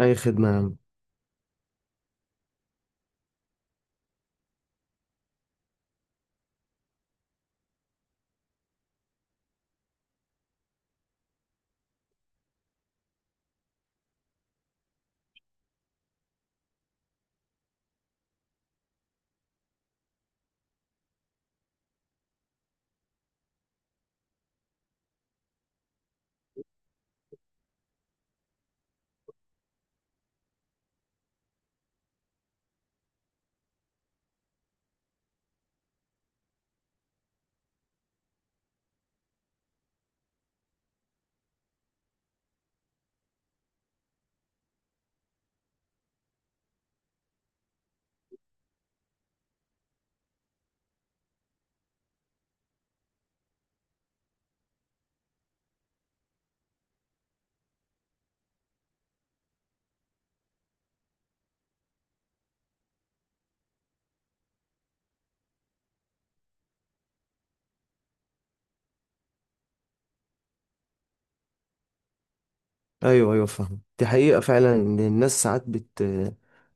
اي خدمة يا عم. ايوه ايوه، فاهم. دي حقيقة فعلا، ان الناس ساعات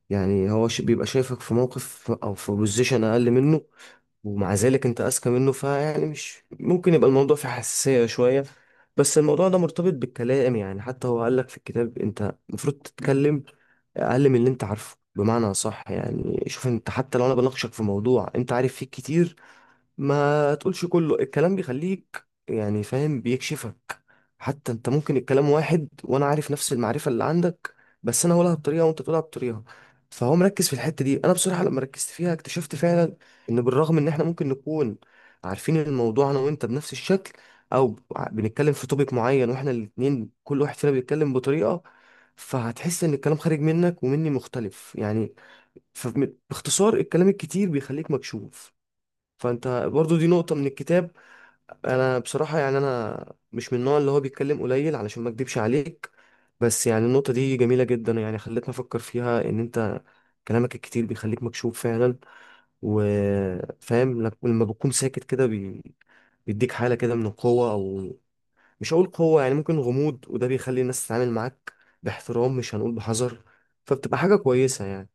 يعني هو بيبقى شايفك في موقف او في بوزيشن اقل منه، ومع ذلك انت اذكى منه، فيعني مش ممكن يبقى الموضوع فيه حساسية شوية. بس الموضوع ده مرتبط بالكلام، يعني حتى هو قال لك في الكتاب انت المفروض تتكلم اقل من اللي انت عارفه، بمعنى صح. يعني شوف، انت حتى لو انا بناقشك في موضوع انت عارف فيه كتير، ما تقولش كله، الكلام بيخليك يعني فاهم، بيكشفك. حتى انت ممكن الكلام واحد وانا عارف نفس المعرفة اللي عندك، بس انا هقولها بطريقة وانت تقولها بطريقة. فهو مركز في الحتة دي. انا بصراحة لما ركزت فيها اكتشفت فعلا ان بالرغم ان احنا ممكن نكون عارفين الموضوع انا وانت بنفس الشكل، او بنتكلم في توبيك معين واحنا الاتنين، كل واحد فينا بيتكلم بطريقة، فهتحس ان الكلام خارج منك ومني مختلف يعني. فباختصار الكلام الكتير بيخليك مكشوف. فانت برضو دي نقطة من الكتاب. انا بصراحة يعني انا مش من النوع اللي هو بيتكلم قليل، علشان ما اكدبش عليك، بس يعني النقطة دي جميلة جدا، يعني خلتني افكر فيها ان انت كلامك الكتير بيخليك مكشوف فعلا. وفاهم لما بتكون ساكت كده بيديك حالة كده من القوة، او مش هقول قوة، يعني ممكن غموض، وده بيخلي الناس تتعامل معاك باحترام، مش هنقول بحذر، فبتبقى حاجة كويسة يعني.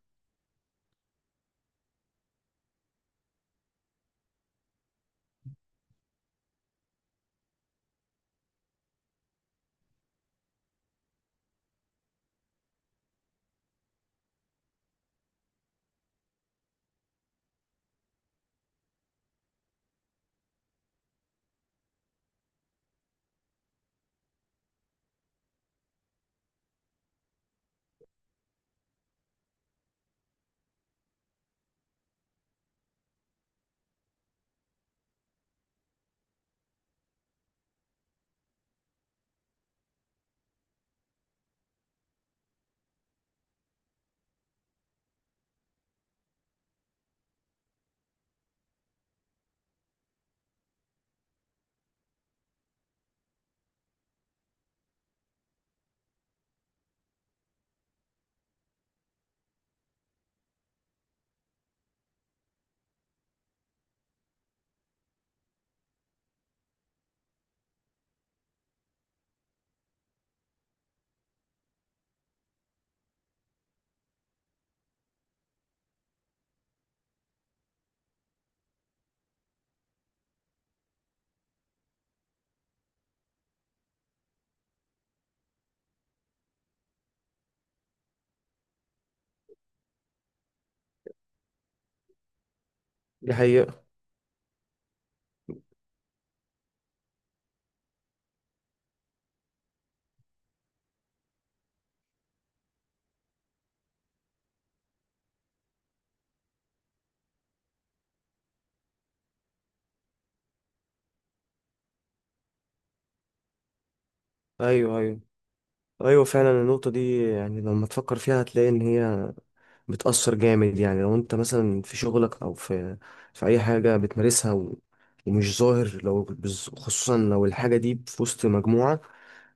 دي حقيقة. ايوه ايوه ايوه، فعلا النقطة دي يعني لما تفكر فيها هتلاقي ان هي بتأثر جامد، يعني لو انت مثلا في شغلك او في في اي حاجة بتمارسها ومش ظاهر، لو خصوصا لو الحاجة دي في وسط مجموعة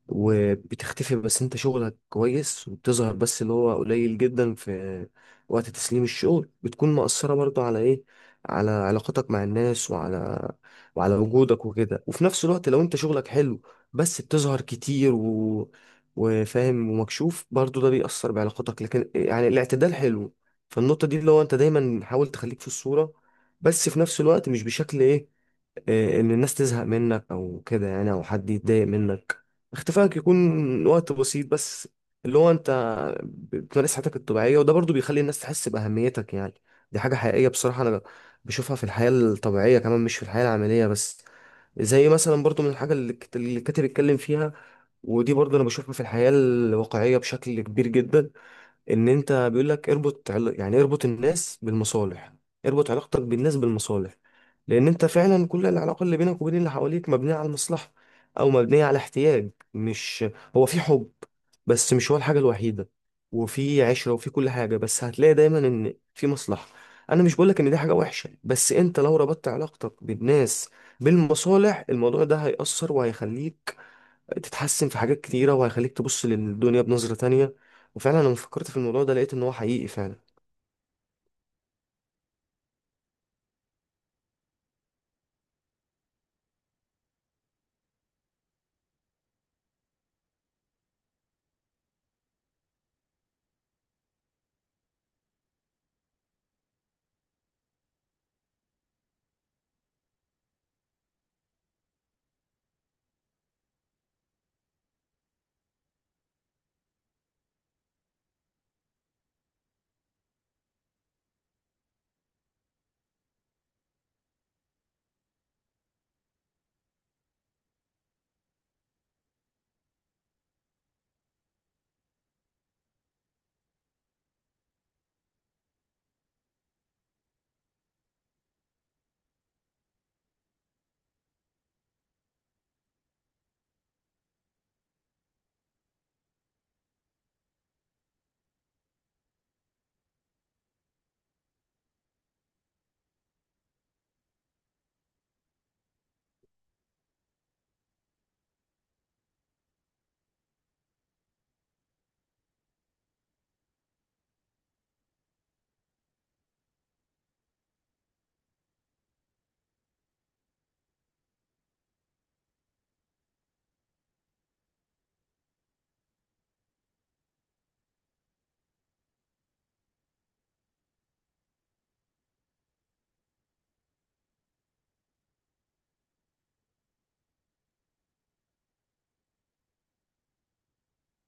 وبتختفي، بس انت شغلك كويس، وبتظهر بس، اللي هو قليل جدا، في وقت تسليم الشغل، بتكون مأثرة برضو على ايه، على علاقتك مع الناس، وعلى وعلى وجودك وكده. وفي نفس الوقت لو انت شغلك حلو بس بتظهر كتير وفاهم ومكشوف برضو، ده بيأثر بعلاقتك، لكن يعني الاعتدال حلو. فالنقطة دي اللي هو انت دايما حاول تخليك في الصورة، بس في نفس الوقت مش بشكل ايه، ان الناس تزهق منك او كده يعني، او حد يتضايق منك. اختفائك يكون وقت بسيط بس، اللي هو انت بتمارس حياتك الطبيعية، وده برضو بيخلي الناس تحس بأهميتك يعني. دي حاجة حقيقية. بصراحة أنا بشوفها في الحياة الطبيعية كمان، مش في الحياة العملية بس. زي مثلا برضو من الحاجة اللي الكاتب اتكلم فيها. ودي برضو أنا بشوفها في الحياة الواقعية بشكل كبير جدا. ان انت بيقول لك اربط يعني اربط الناس بالمصالح، اربط علاقتك بالناس بالمصالح. لان انت فعلا كل العلاقه اللي بينك وبين اللي حواليك مبنيه على المصلحه، او مبنيه على احتياج. مش هو في حب، بس مش هو الحاجه الوحيده. وفي عشره وفي كل حاجه، بس هتلاقي دايما ان في مصلحه. انا مش بقولك ان دي حاجه وحشه، بس انت لو ربطت علاقتك بالناس بالمصالح، الموضوع ده هيأثر وهيخليك تتحسن في حاجات كتيرة، وهيخليك تبص للدنيا بنظرة تانية. وفعلا لما فكرت في الموضوع ده لقيت ان هو حقيقي فعلا.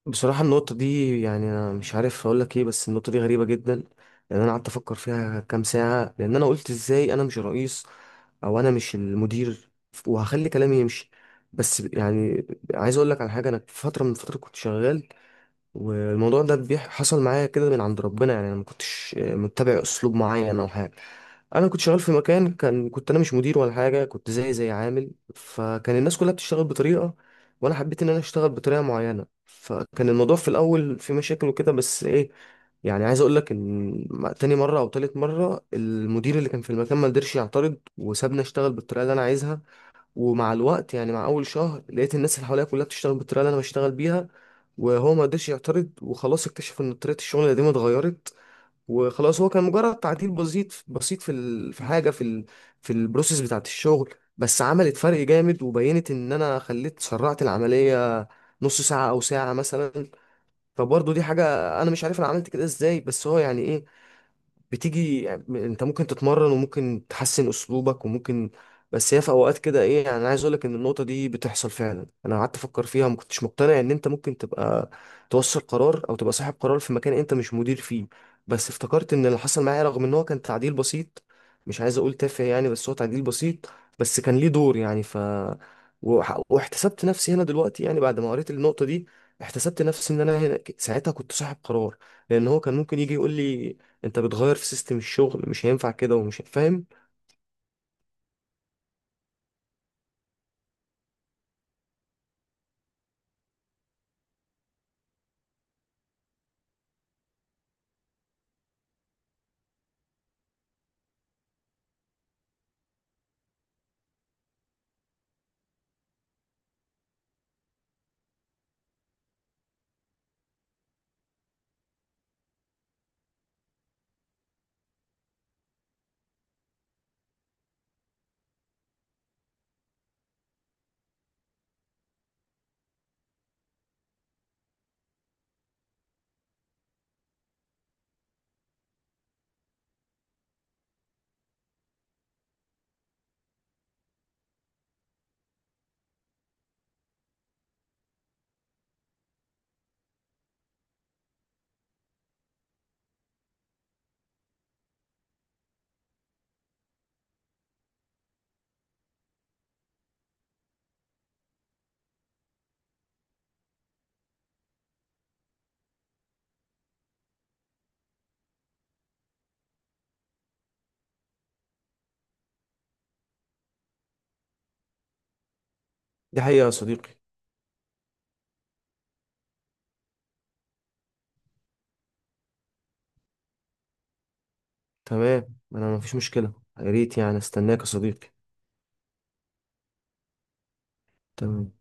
بصراحة النقطة دي يعني انا مش عارف اقول لك ايه، بس النقطة دي غريبة جدا. لان انا قعدت افكر فيها كام ساعة، لان انا قلت ازاي انا مش الرئيس، او انا مش المدير، وهخلي كلامي يمشي. بس يعني عايز اقول لك على حاجة. انا في فترة من الفترات كنت شغال، والموضوع ده حصل معايا كده من عند ربنا. يعني انا ما كنتش متبع اسلوب معين او حاجه. انا كنت شغال في مكان كان، كنت انا مش مدير ولا حاجه، كنت زي عامل. فكان الناس كلها بتشتغل بطريقه، وانا حبيت ان انا اشتغل بطريقه معينه. فكان الموضوع في الاول في مشاكل وكده، بس ايه، يعني عايز اقول لك ان تاني مره او تالت مره المدير اللي كان في المكان ما قدرش يعترض، وسابني اشتغل بالطريقه اللي انا عايزها. ومع الوقت، يعني مع اول شهر، لقيت الناس اللي حواليا كلها بتشتغل بالطريقه اللي انا بشتغل بيها. وهو ما قدرش يعترض، وخلاص اكتشف ان طريقه الشغل القديمه اتغيرت. وخلاص هو كان مجرد تعديل بسيط بسيط في في حاجه في في البروسيس بتاعه الشغل، بس عملت فرق جامد. وبينت ان انا خليت سرعت العمليه نص ساعه او ساعه مثلا. فبرضه دي حاجه انا مش عارف انا عملت كده ازاي. بس هو يعني ايه، بتيجي يعني، انت ممكن تتمرن وممكن تحسن اسلوبك وممكن، بس هي في اوقات كده ايه. يعني انا عايز اقول لك ان النقطه دي بتحصل فعلا. انا قعدت افكر فيها، ما كنتش مقتنع ان انت ممكن تبقى توصل قرار او تبقى صاحب قرار في مكان انت مش مدير فيه. بس افتكرت ان اللي حصل معايا، رغم ان هو كان تعديل بسيط، مش عايز اقول تافه يعني، بس هو تعديل بسيط، بس كان ليه دور يعني. واحتسبت نفسي هنا دلوقتي، يعني بعد ما قريت النقطه دي احتسبت نفسي ان انا ساعتها كنت صاحب قرار. لان هو كان ممكن يجي يقول لي انت بتغير في سيستم الشغل مش هينفع كده ومش فاهم. دي حقيقة يا صديقي. تمام، انا مفيش مشكلة. يا ريت يعني استناك يا صديقي. تمام.